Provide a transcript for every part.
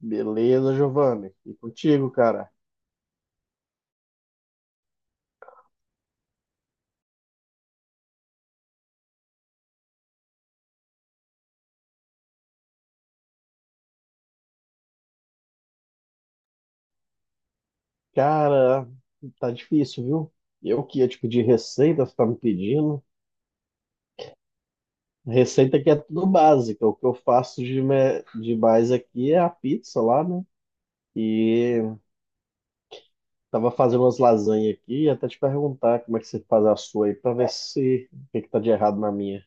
Beleza, Giovanni. E contigo, cara? Cara, tá difícil, viu? Eu que ia te pedir receita, você tá me pedindo. Receita que é tudo básica. O que eu faço de mais aqui é a pizza lá, né? E tava fazendo umas lasanhas aqui, até te perguntar como é que você faz a sua aí, pra ver se o que que tá de errado na minha.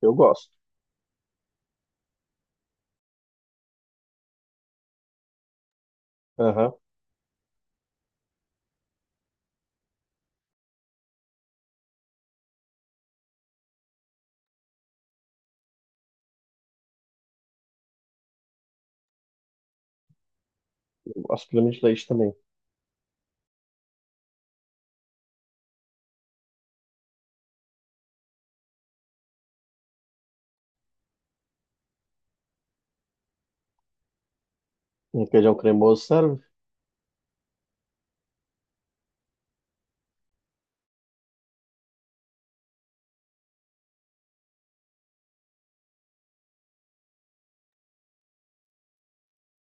Eu gosto. Aham. Eu gosto de creme de leite também. Um requeijão cremoso, serve?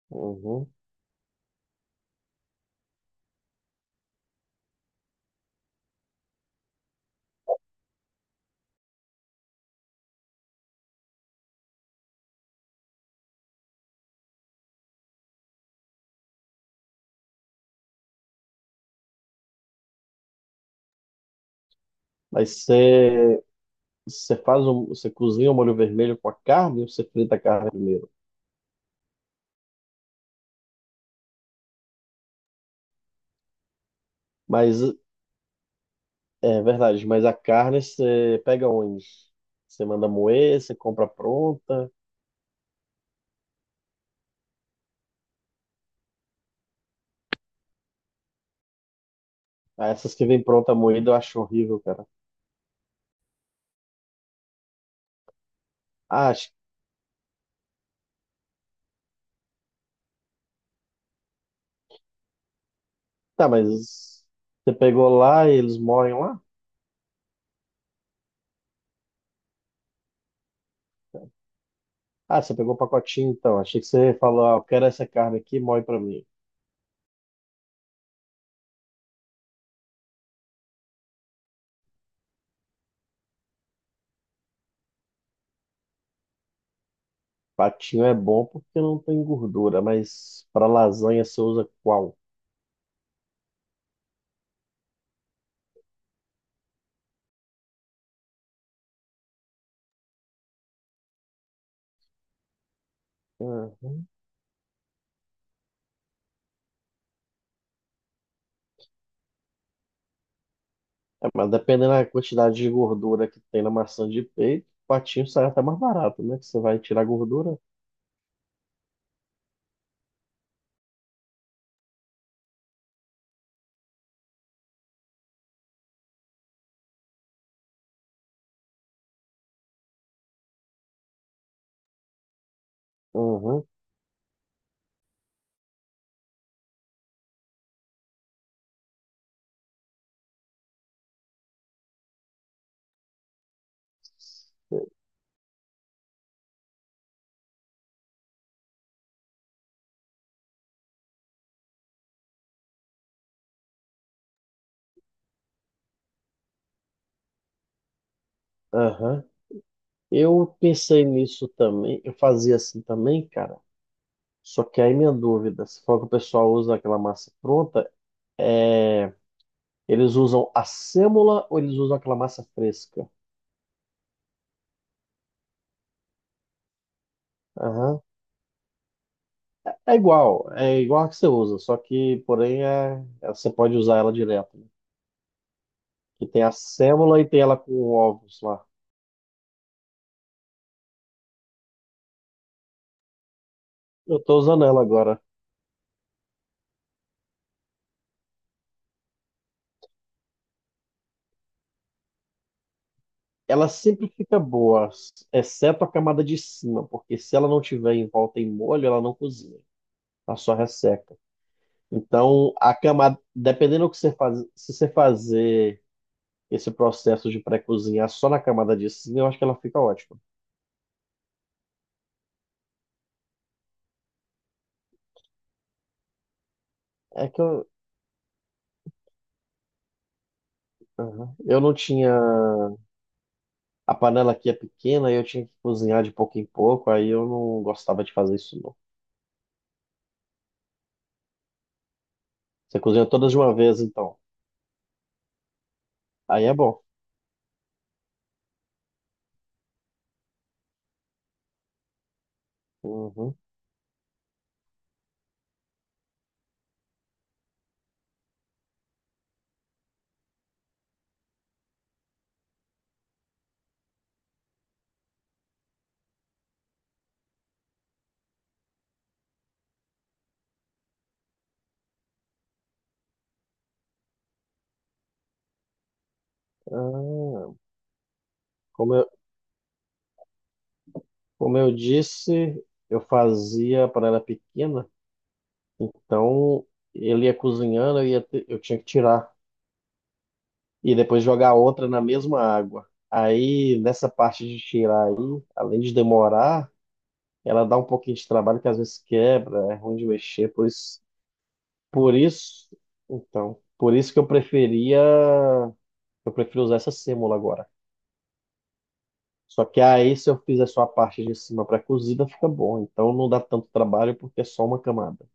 Uhum. Mas você. Você faz você cozinha o molho vermelho com a carne ou você frita a carne primeiro? Mas é verdade, mas a carne você pega onde? Você manda moer, você compra pronta. Ah, essas que vêm pronta moída eu acho horrível, cara. Ah, acho, tá, mas você pegou lá e eles moem lá? Ah, você pegou o pacotinho então. Achei que você falou, ah, eu quero essa carne aqui, moe pra mim. Patinho é bom porque não tem gordura, mas pra lasanha você usa qual? Ah, é, mas dependendo da quantidade de gordura que tem na maçã de peito, o patinho sai até mais barato, né? Que você vai tirar a gordura. Aham, aham. Eu pensei nisso também. Eu fazia assim também, cara. Só que aí minha dúvida, se for que o pessoal usa aquela massa pronta, é... eles usam a sêmola ou eles usam aquela massa fresca? Aham. É igual a que você usa, só que, porém, você pode usar ela direto, né? Que tem a sêmola e tem ela com ovos lá. Eu tô usando ela agora. Ela sempre fica boa, exceto a camada de cima, porque se ela não tiver em volta em molho, ela não cozinha, ela só resseca. Então, a camada, dependendo do que você faz, se você fazer esse processo de pré-cozinhar só na camada de cima, eu acho que ela fica ótima. É que eu, aham. eu não tinha, A panela aqui é pequena, eu tinha que cozinhar de pouco em pouco, aí eu não gostava de fazer isso não. Você cozinha todas de uma vez, então. Aí é bom. Uhum. Ah, como eu, Como eu disse, eu fazia quando era pequena, então ele ia cozinhando, eu, ia te- eu tinha que tirar e depois jogar outra na mesma água. Aí, nessa parte de tirar aí, além de demorar, ela dá um pouquinho de trabalho que às vezes quebra, é ruim de mexer, por isso, por isso que eu preferia, eu prefiro usar essa sêmola agora. Só que aí, se eu fizer só a parte de cima para cozida, fica bom. Então não dá tanto trabalho porque é só uma camada.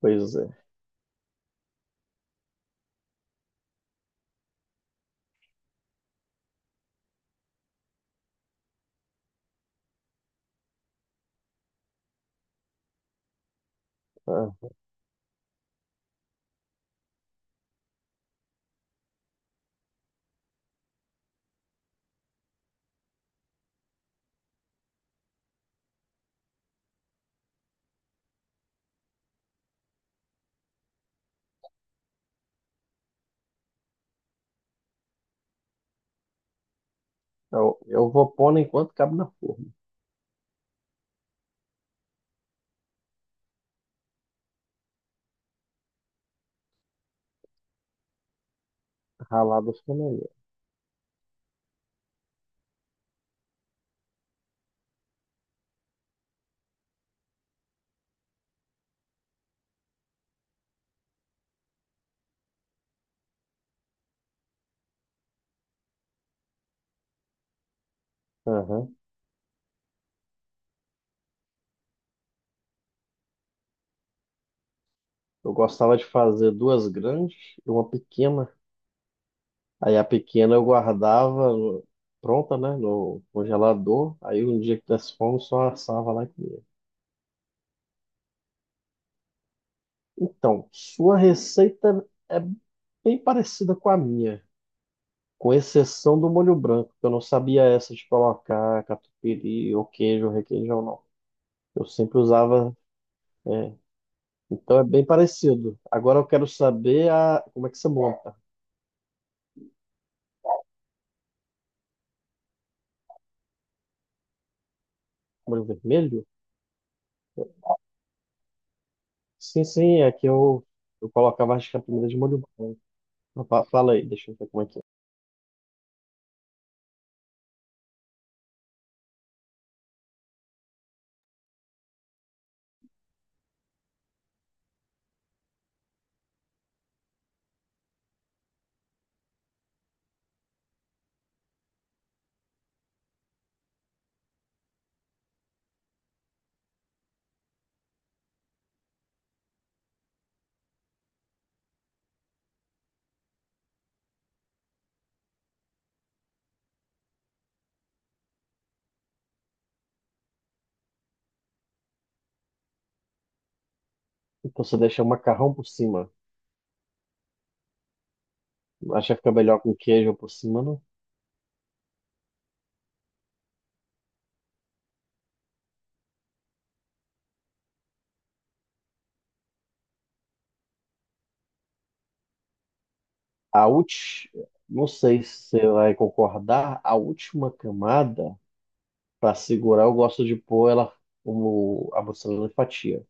Pois é. Ah, eu vou pondo enquanto cabe na forma. Ralado fica melhor. Aham. Eu gostava de fazer duas grandes e uma pequena. Aí a pequena eu guardava pronta, né, no congelador. Aí um dia que desse fome, só assava lá e comia. Então, sua receita é bem parecida com a minha, com exceção do molho branco, que eu não sabia essa de colocar catupiry ou queijo, requeijão, não. Eu sempre usava, é. Então é bem parecido. Agora eu quero saber a... como é que você monta. Molho vermelho? Sim, sim, é que eu, eu colocava acho que a primeira de molho branco. Fala aí, deixa eu ver como é que é. Então você deixa o macarrão por cima. Acha que fica melhor com queijo por cima, não? A última, não sei se você vai concordar, a última camada, para segurar, eu gosto de pôr ela como a mussarela em fatia.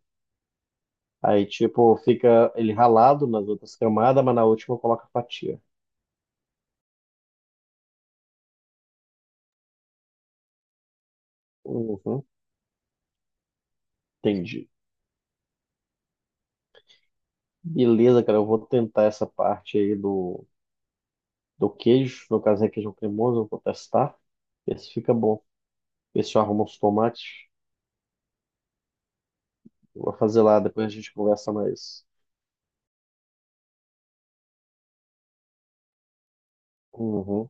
Aí, tipo, fica ele ralado nas outras camadas, mas na última coloca fatia. Uhum, entendi. Beleza, cara, eu vou tentar essa parte aí do, do queijo. No caso é queijo cremoso, eu vou testar. Ver se fica bom. Ver se eu arrumo os tomates. Eu vou fazer lá, depois a gente conversa mais. Uhum.